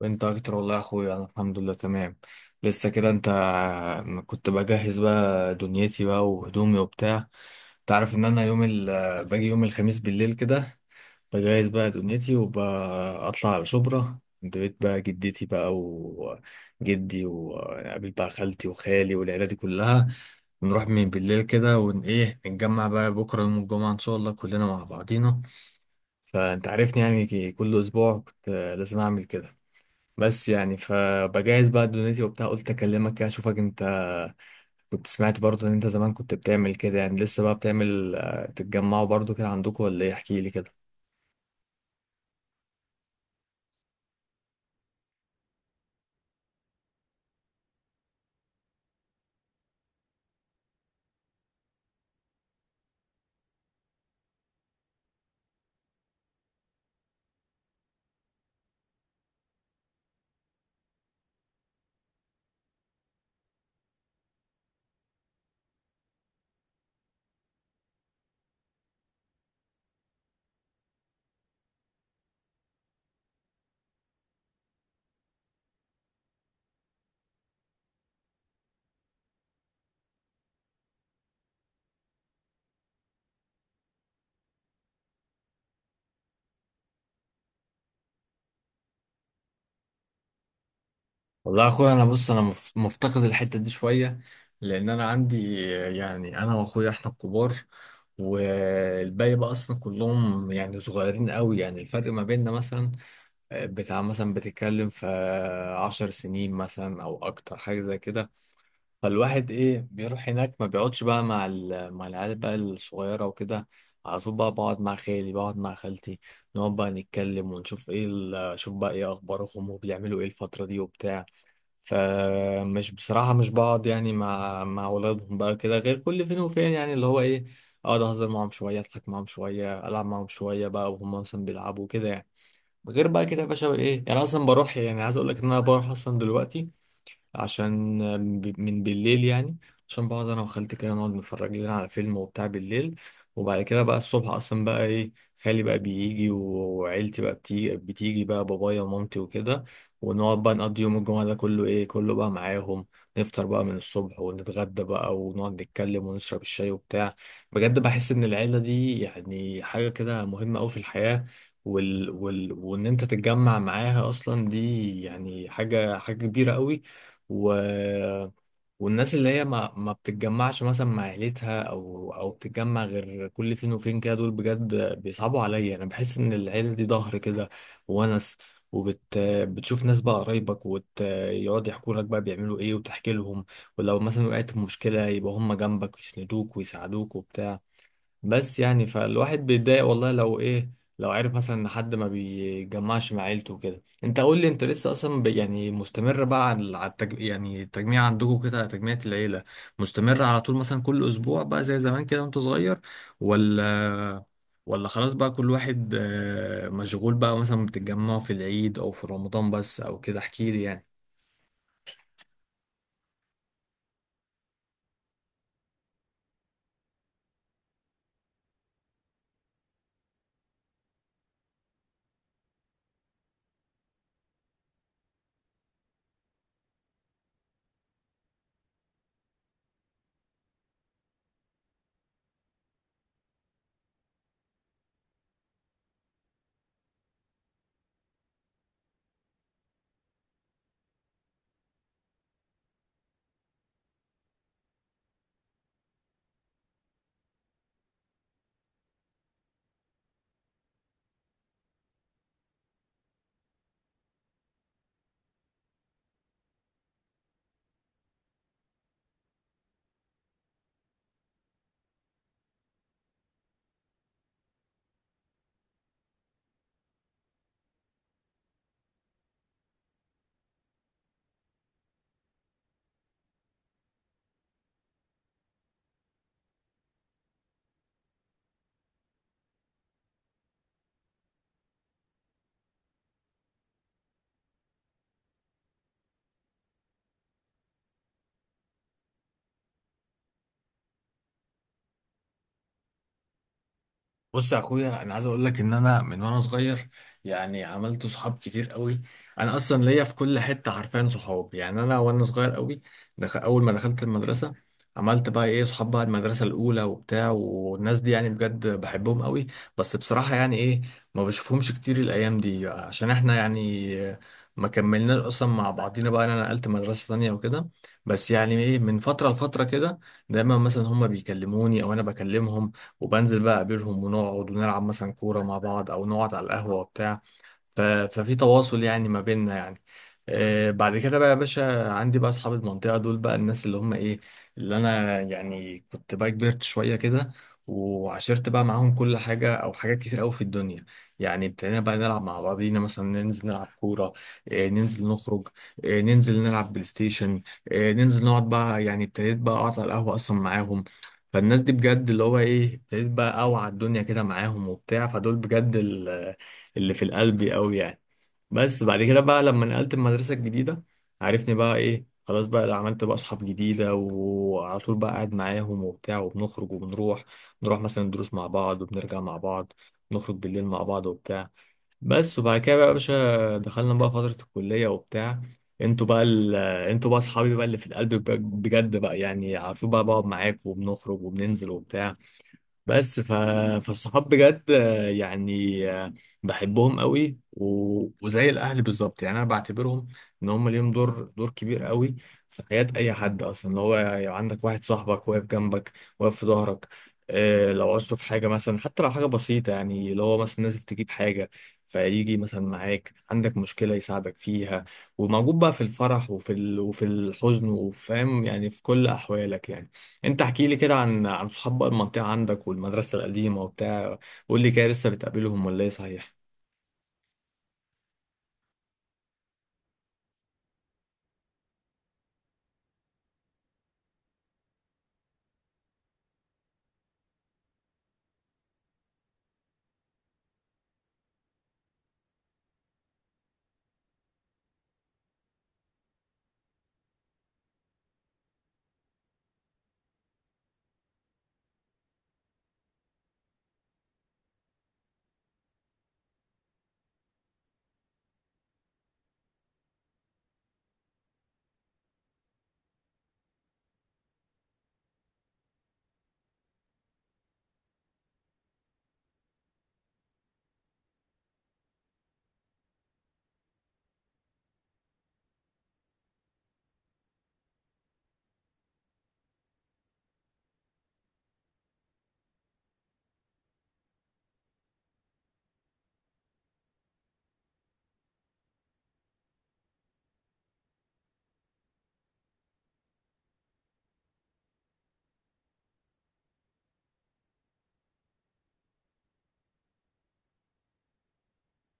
وانت اكتر والله يا اخويا، انا الحمد لله تمام. لسه كده انت؟ كنت بجهز بقى دنيتي بقى وهدومي وبتاع. تعرف ان انا باجي يوم الخميس بالليل كده، بجهز بقى دنيتي وبطلع على شبرا عند بيت بقى جدتي بقى وجدي، وقابل بقى خالتي وخالي والعيلة دي كلها. نروح من بالليل كده ون ايه نتجمع بقى بكرة يوم الجمعة ان شاء الله كلنا مع بعضينا. فانت عارفني، يعني كل اسبوع كنت لازم اعمل كده. بس يعني فبجهز بقى دنيتي وبتاع، قلت اكلمك كده اشوفك انت. كنت سمعت برضه ان انت زمان كنت بتعمل كده، يعني لسه بقى بتعمل تتجمعوا برضه كده عندكم ولا ايه؟ احكي لي كده. والله يا اخويا، انا بص انا مفتقد الحتة دي شوية، لان انا عندي يعني انا واخويا احنا الكبار، والباقي بقى اصلا كلهم يعني صغيرين قوي. يعني الفرق ما بيننا مثلا بتاع مثلا بتتكلم في 10 سنين مثلا او اكتر حاجة زي كده. فالواحد ايه بيروح هناك، ما بيقعدش بقى مع العيال بقى الصغيره وكده. على طول بقى بقعد مع خالي، بقعد مع خالتي، نقعد بقى نتكلم ونشوف شوف بقى ايه اخبارهم وبيعملوا ايه الفتره دي وبتاع. فمش بصراحه مش بقعد يعني مع ولادهم بقى كده غير كل فين وفين، يعني اللي هو ايه، اقعد اهزر معاهم شويه، اضحك معاهم شويه، العب معاهم شويه بقى وهم مثلا بيلعبوا كده يعني. غير بقى كده يا باشا، ايه يعني، أنا اصلا بروح، يعني عايز اقول لك ان انا بروح اصلا دلوقتي عشان من بالليل يعني، عشان بقعد انا وخالتي كده، نقعد نتفرج لنا على فيلم وبتاع بالليل. وبعد كده بقى الصبح اصلا بقى ايه، خالي بقى بيجي وعيلتي بقى بتيجي بقى، بابايا ومامتي وكده، ونقعد بقى نقضي يوم الجمعة ده كله، ايه كله بقى معاهم. نفطر بقى من الصبح، ونتغدى بقى، ونقعد نتكلم ونشرب الشاي وبتاع. بجد بحس ان العيلة دي يعني حاجة كده مهمة قوي في الحياة، وان انت تتجمع معاها اصلا، دي يعني حاجة كبيرة قوي. و... والناس اللي هي ما بتتجمعش مثلا مع عيلتها او بتتجمع غير كل فين وفين كده، دول بجد بيصعبوا عليا. انا بحس ان العيله دي ظهر كده وونس، وبت بتشوف ناس بقى قرايبك ويقعد يحكوا لك بقى بيعملوا ايه وتحكي لهم. ولو مثلا وقعت في مشكله، يبقى هم جنبك ويسندوك ويساعدوك وبتاع. بس يعني فالواحد بيتضايق والله، لو عرف مثلا ان حد ما بيجمعش مع عيلته وكده. انت قول لي، انت لسه اصلا يعني مستمر بقى على التجميع عندكم، كده على تجميعة العيلة، مستمر على طول مثلا كل اسبوع بقى زي زمان كده وانت صغير؟ ولا ولا خلاص بقى كل واحد مشغول، بقى مثلا بتتجمعوا في العيد او في رمضان بس، او كده احكي لي يعني. بص يا اخويا، انا عايز اقول لك ان انا من وانا صغير، يعني عملت صحاب كتير قوي. انا اصلا ليا في كل حته حرفيا صحاب. يعني انا وانا صغير قوي، اول ما دخلت المدرسه، عملت بقى ايه صحاب بقى المدرسه الاولى وبتاع، والناس دي يعني بجد بحبهم قوي. بس بصراحه يعني ايه، ما بشوفهمش كتير الايام دي، عشان احنا يعني ما كملناش اصلا مع بعضينا. بقى انا نقلت مدرسه تانية وكده. بس يعني ايه، من فتره لفتره كده، دايما مثلا هما بيكلموني او انا بكلمهم، وبنزل بقى اقابلهم، ونقعد ونلعب مثلا كورة مع بعض او نقعد على القهوة وبتاع. ففي تواصل يعني ما بيننا يعني. بعد كده بقى يا باشا، عندي بقى اصحاب المنطقه دول بقى، الناس اللي هم ايه، اللي انا يعني كنت بقى كبرت شويه كده وعشرت بقى معاهم كل حاجه او حاجات كتير قوي في الدنيا. يعني ابتدينا بقى نلعب مع بعضينا، مثلا ننزل نلعب كوره، ننزل نخرج، ننزل نلعب بلاي ستيشن، ننزل نقعد بقى، يعني ابتديت بقى اقعد على القهوه اصلا معاهم. فالناس دي بجد اللي هو ايه، ابتديت بقى اوعى الدنيا كده معاهم وبتاع، فدول بجد اللي في القلب قوي يعني. بس بعد كده بقى لما نقلت المدرسة الجديدة، عرفني بقى ايه، خلاص بقى، لا عملت بقى اصحاب جديدة وعلى طول بقى قاعد معاهم وبتاع، وبنخرج وبنروح، نروح مثلا الدروس مع بعض وبنرجع مع بعض، نخرج بالليل مع بعض وبتاع. بس وبعد كده بقى يا باشا، دخلنا بقى فترة الكلية وبتاع. انتوا بقى ال... انتوا بقى اصحابي بقى اللي في القلب، بجد بقى يعني على طول بقى بقعد معاك وبنخرج وبننزل وبتاع. بس فالصحاب بجد يعني بحبهم قوي وزي الاهل بالظبط، يعني انا بعتبرهم ان هم ليهم دور كبير قوي في حياة اي حد. اصلا اللي هو يعني عندك واحد صاحبك واقف جنبك، واقف في ظهرك، لو عوزته في حاجة، مثلا حتى لو حاجة بسيطة، يعني اللي هو مثلا نازل تجيب حاجة، فيجي مثلا معاك، عندك مشكلة يساعدك فيها، وموجود بقى في الفرح وفي الحزن، وفاهم يعني في كل أحوالك يعني. انت احكي لي كده عن صحاب بقى المنطقة عندك والمدرسة القديمة وبتاع، قول لي كده، لسه بتقابلهم ولا ايه، صحيح؟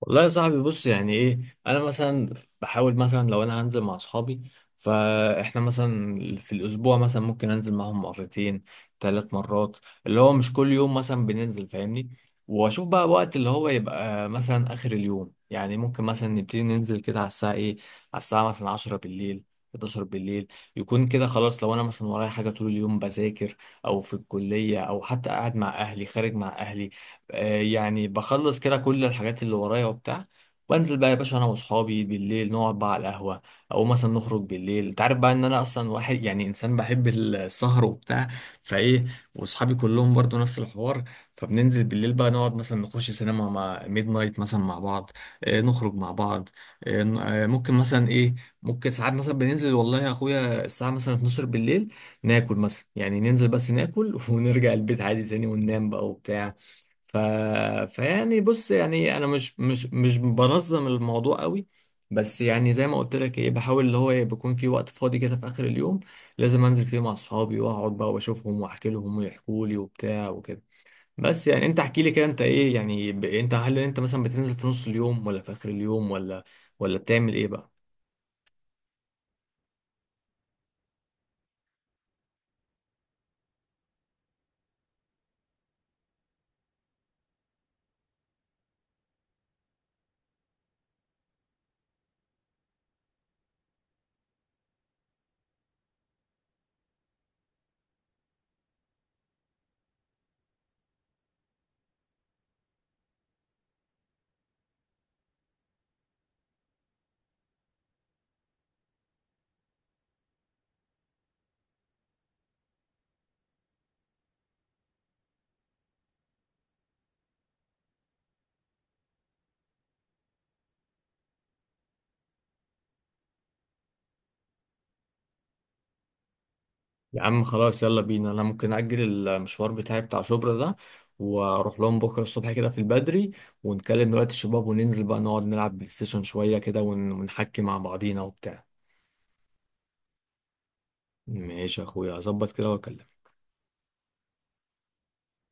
والله يا صاحبي، بص يعني ايه، انا مثلا بحاول مثلا لو انا هنزل مع اصحابي، فاحنا مثلا في الاسبوع مثلا ممكن انزل معاهم مرتين، ثلاث مرات، اللي هو مش كل يوم مثلا بننزل، فاهمني؟ واشوف بقى وقت اللي هو يبقى مثلا اخر اليوم، يعني ممكن مثلا نبتدي ننزل كده على الساعة ايه، على الساعة مثلا 10 بالليل، 11 بالليل، يكون كده خلاص. لو انا مثلا ورايا حاجة طول اليوم بذاكر، او في الكلية، او حتى قاعد مع اهلي، خارج مع اهلي، يعني بخلص كده كل الحاجات اللي ورايا وبتاع، وانزل بقى يا باشا انا واصحابي بالليل، نقعد بقى على القهوه، او مثلا نخرج بالليل. انت عارف بقى ان انا اصلا واحد، يعني انسان بحب السهر وبتاع. فايه، واصحابي كلهم برضو نفس الحوار. فبننزل بالليل بقى، نقعد مثلا نخش سينما مع ميد نايت مثلا مع بعض، نخرج مع بعض، ممكن مثلا ايه، ممكن ساعات مثلا بننزل والله يا اخويا الساعه مثلا 12 بالليل، ناكل مثلا. يعني ننزل بس ناكل ونرجع البيت عادي تاني، وننام بقى وبتاع. ف... فيعني بص، يعني انا مش بنظم الموضوع قوي. بس يعني زي ما قلت لك، ايه بحاول اللي هو إيه، بيكون في وقت فاضي كده في اخر اليوم، لازم انزل فيه مع اصحابي، واقعد بقى واشوفهم، واحكي لهم ويحكوا لي وبتاع وكده. بس يعني انت احكي لي كده، انت ايه يعني، انت هل انت مثلا بتنزل في نص اليوم ولا في اخر اليوم، ولا بتعمل ايه بقى؟ يا عم خلاص يلا بينا، انا ممكن اجل المشوار بتاعي بتاع شبرا ده، واروح لهم بكره الصبح كده في البدري، ونكلم دلوقتي الشباب وننزل بقى نقعد نلعب بلاي ستيشن شويه كده ونحكي مع بعضينا وبتاع. ماشي يا اخويا، هظبط كده واكلمك.